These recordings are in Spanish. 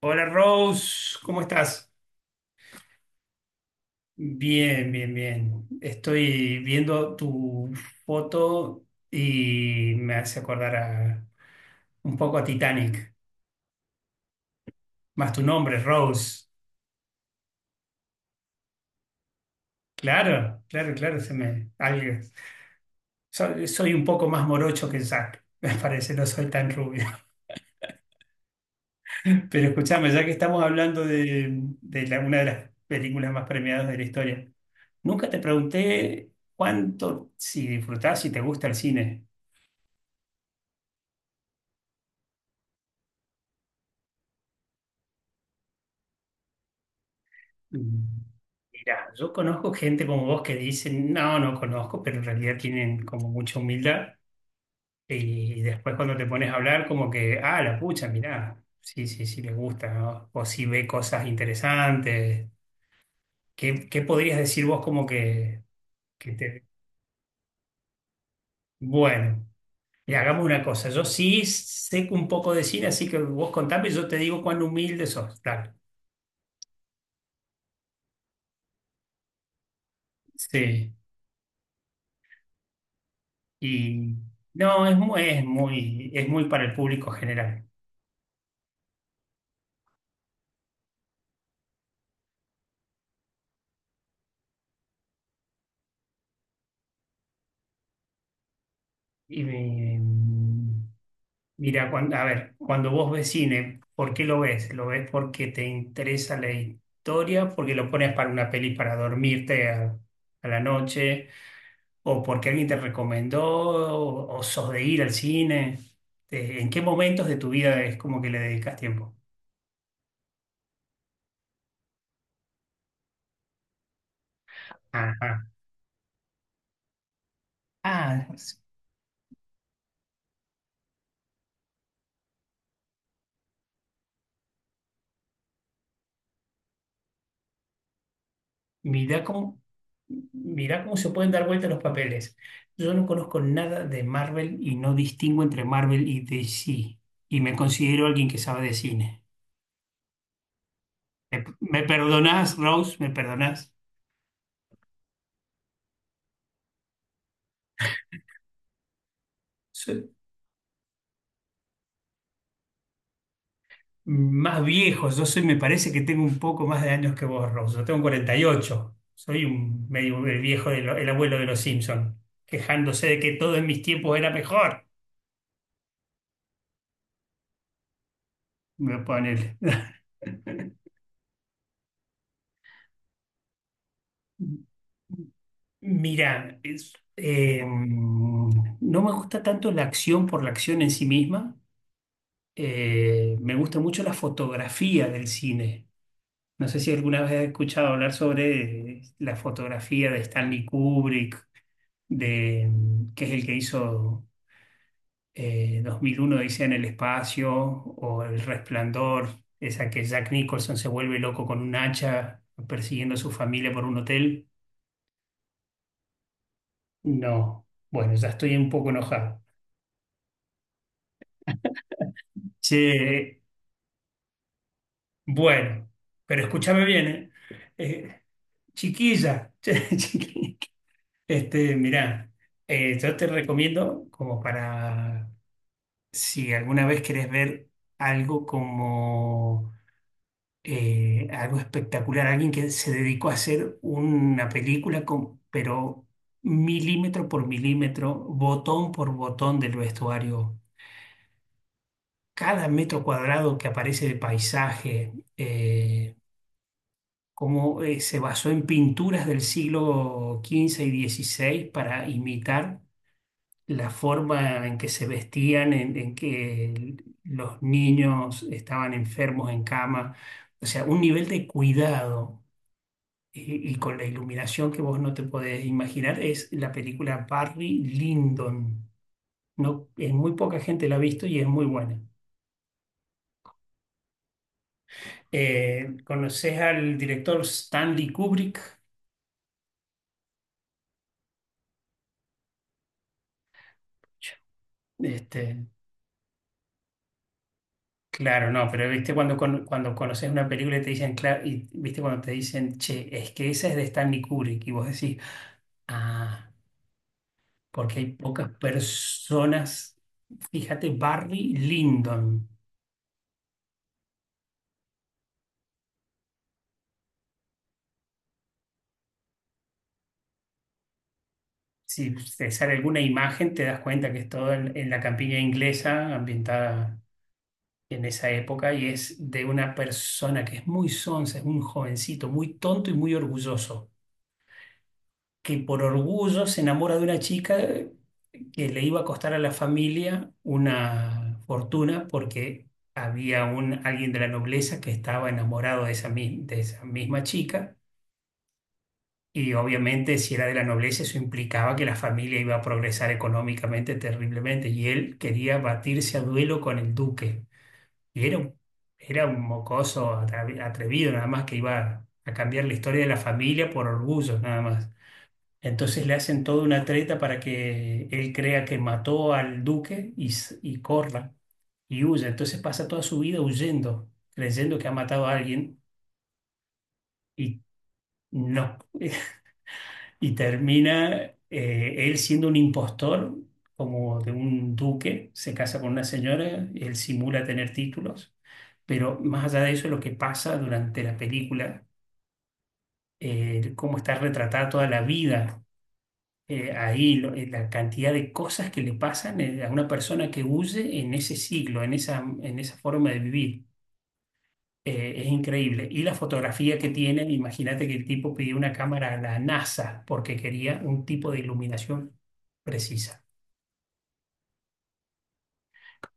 Hola Rose, ¿cómo estás? Bien, bien, bien. Estoy viendo tu foto y me hace un poco a Titanic. Más tu nombre, Rose. Claro, claro, claro, soy un poco más morocho que Zac, me parece, no soy tan rubio. Pero escuchame, ya que estamos hablando de una de las películas más premiadas de la historia, nunca te pregunté cuánto, si disfrutás, si te gusta el cine. Mira, yo conozco gente como vos que dicen, no, no conozco, pero en realidad tienen como mucha humildad. Y después cuando te pones a hablar, como que, ah, la pucha, mirá, sí, sí, sí, les gusta, ¿no? O si ve cosas interesantes. ¿Qué podrías decir vos como que te... Bueno, y hagamos una cosa, yo sí sé un poco de cine, así que vos contame y yo te digo cuán humilde sos. Dale. Sí. Y no, es muy para el público general. Y me- mira, cuando, a ver, cuando vos ves cine, ¿por qué lo ves? ¿Lo ves porque te interesa la historia? ¿Porque lo pones para una peli para a la noche? ¿O porque alguien te recomendó? ¿O sos de ir al cine? ¿En qué momentos de tu vida es como que le dedicas tiempo? Ajá. Ah, Mirá cómo, mirá cómo se pueden dar vuelta los papeles. Yo no conozco nada de Marvel y no distingo entre Marvel y DC. Y me considero alguien que sabe de cine. ¿Me perdonás, Rose? ¿Me perdonás? Soy más viejo. Yo soy, me parece que tengo un poco más de años que vos, Rose. Yo tengo 48. Soy un medio el viejo, el abuelo de los Simpson, quejándose de que todo en mis tiempos era mejor. Me pone. Mira, no me gusta tanto la acción por la acción en sí misma. Me gusta mucho la fotografía del cine. No sé si alguna vez has escuchado hablar sobre la fotografía de Stanley Kubrick, de, que es el que hizo 2001 Odisea en el espacio o El Resplandor, esa que Jack Nicholson se vuelve loco con un hacha persiguiendo a su familia por un hotel. No, bueno, ya estoy un poco enojado. Che, bueno, pero escúchame bien, ¿eh? Eh, Chiquilla, mirá, yo te recomiendo como para si alguna vez querés ver algo como algo espectacular, alguien que se dedicó a hacer una película con, pero milímetro por milímetro, botón por botón del vestuario, cada metro cuadrado que aparece de paisaje. Cómo se basó en pinturas del siglo XV y XVI para imitar la forma en que se vestían, en que los niños estaban enfermos en cama, o sea, un nivel de cuidado. Y con la iluminación que vos no te podés imaginar, es la película Barry Lyndon. No, muy poca gente la ha visto y es muy buena. ¿Conoces al director Stanley Kubrick? Este, Claro, no, pero viste cuando conoces una película y te dicen, claro, y viste cuando te dicen, che, es que esa es de Stanley Kubrick, y vos decís, ah, porque hay pocas personas, fíjate, Barry Lyndon, si te sale alguna imagen te das cuenta que es todo en la campiña inglesa, ambientada en esa época, y es de una persona que es muy sonsa, es un jovencito, muy tonto y muy orgulloso, que por orgullo se enamora de una chica que le iba a costar a la familia una fortuna porque había alguien de la nobleza que estaba enamorado de de esa misma chica y obviamente si era de la nobleza eso implicaba que la familia iba a progresar económicamente terriblemente y él quería batirse a duelo con el duque y era un mocoso atrevido nada más que iba a cambiar la historia de la familia por orgullo nada más. Entonces le hacen toda una treta para que él crea que mató al duque y corra y huya. Entonces pasa toda su vida huyendo, creyendo que ha matado a alguien y no. Y termina él siendo un impostor, como de un duque, se casa con una señora, él simula tener títulos, pero más allá de eso, lo que pasa durante la película, cómo está retratada toda la vida la cantidad de cosas que le pasan a una persona que huye en ese siglo, en esa forma de vivir. Es increíble. Y la fotografía que tienen, imagínate que el tipo pidió una cámara a la NASA porque quería un tipo de iluminación precisa.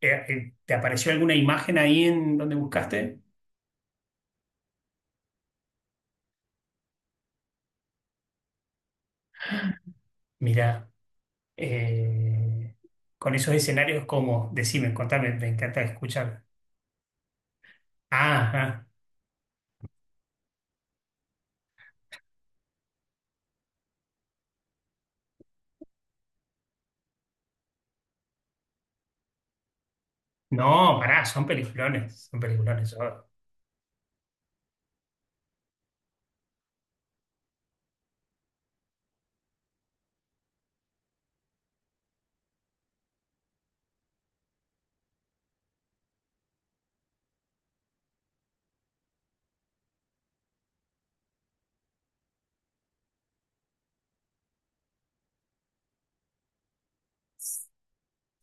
¿Te apareció alguna imagen ahí en donde buscaste? Mira, eh, con esos escenarios, cómo Decime, contame, me encanta escuchar. Ah, ah. No, pará, son peliculones, son peliculones.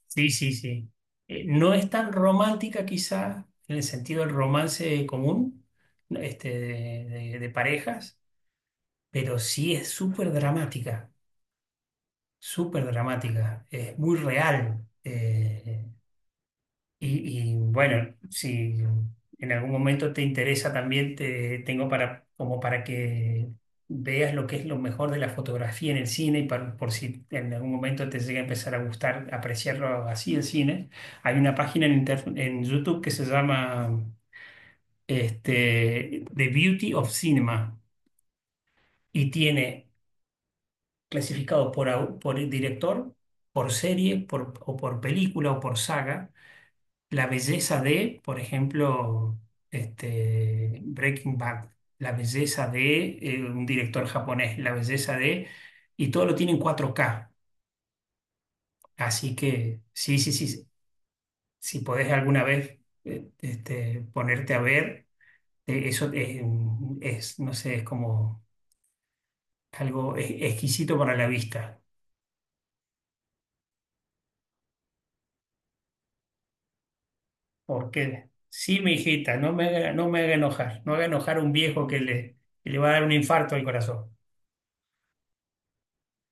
Sí, sí, sí. No es tan romántica quizá en el sentido del romance común, este, de, de parejas, pero sí es súper dramática, es muy real. Y, y, bueno, si en algún momento te interesa también, te tengo para, como para que veas lo que es lo mejor de la fotografía en el cine y por si en algún momento te llega a empezar a gustar apreciarlo así el cine. Hay una página en YouTube que se llama The Beauty of Cinema y tiene clasificado por el director, por serie, por, o por película o por saga. La belleza de, por ejemplo, Breaking Bad, la belleza de un director japonés, la belleza de, y todo lo tiene en 4K. Así que sí, sí, sí, si podés alguna vez ponerte a ver, eso es, no sé, es como algo exquisito para la vista. Porque sí, mi hijita, no me haga, no me haga enojar, no haga enojar a un viejo que le va a dar un infarto al corazón.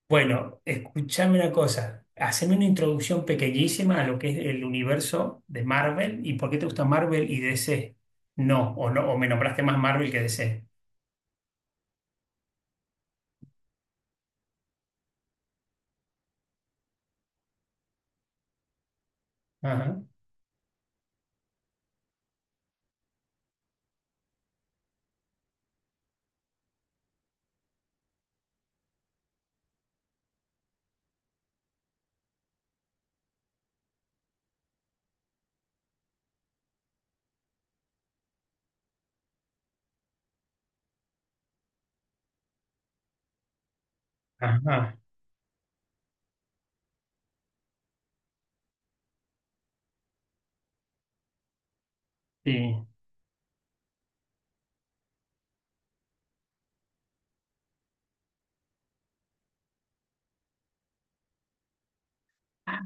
Bueno, escúchame una cosa. Haceme una introducción pequeñísima a lo que es el universo de Marvel y por qué te gusta Marvel y DC. No, o me nombraste más Marvel que DC. Ajá, ajá, sí. Ah,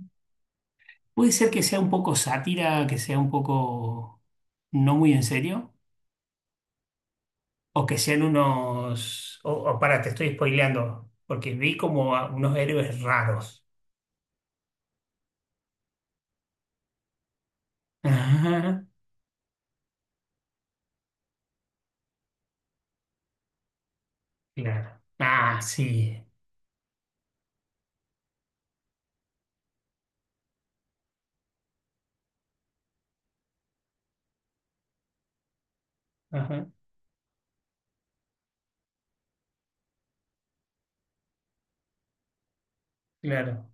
puede ser que sea un poco sátira, que sea un poco no muy en serio, o que sean unos. O para, te estoy spoileando, porque vi como a unos héroes raros. Ajá, claro. Ah, sí. Ajá, claro.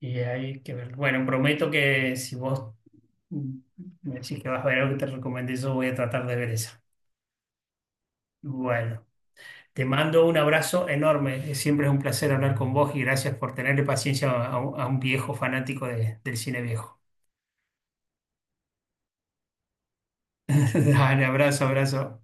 Y hay que ver. Bueno, prometo que si vos mm, me decís que vas a ver algo que te recomendé, yo voy a tratar de ver esa. Bueno, te mando un abrazo enorme. Siempre es un placer hablar con vos y gracias por tenerle paciencia a un viejo fanático del cine viejo. Dale, abrazo, abrazo.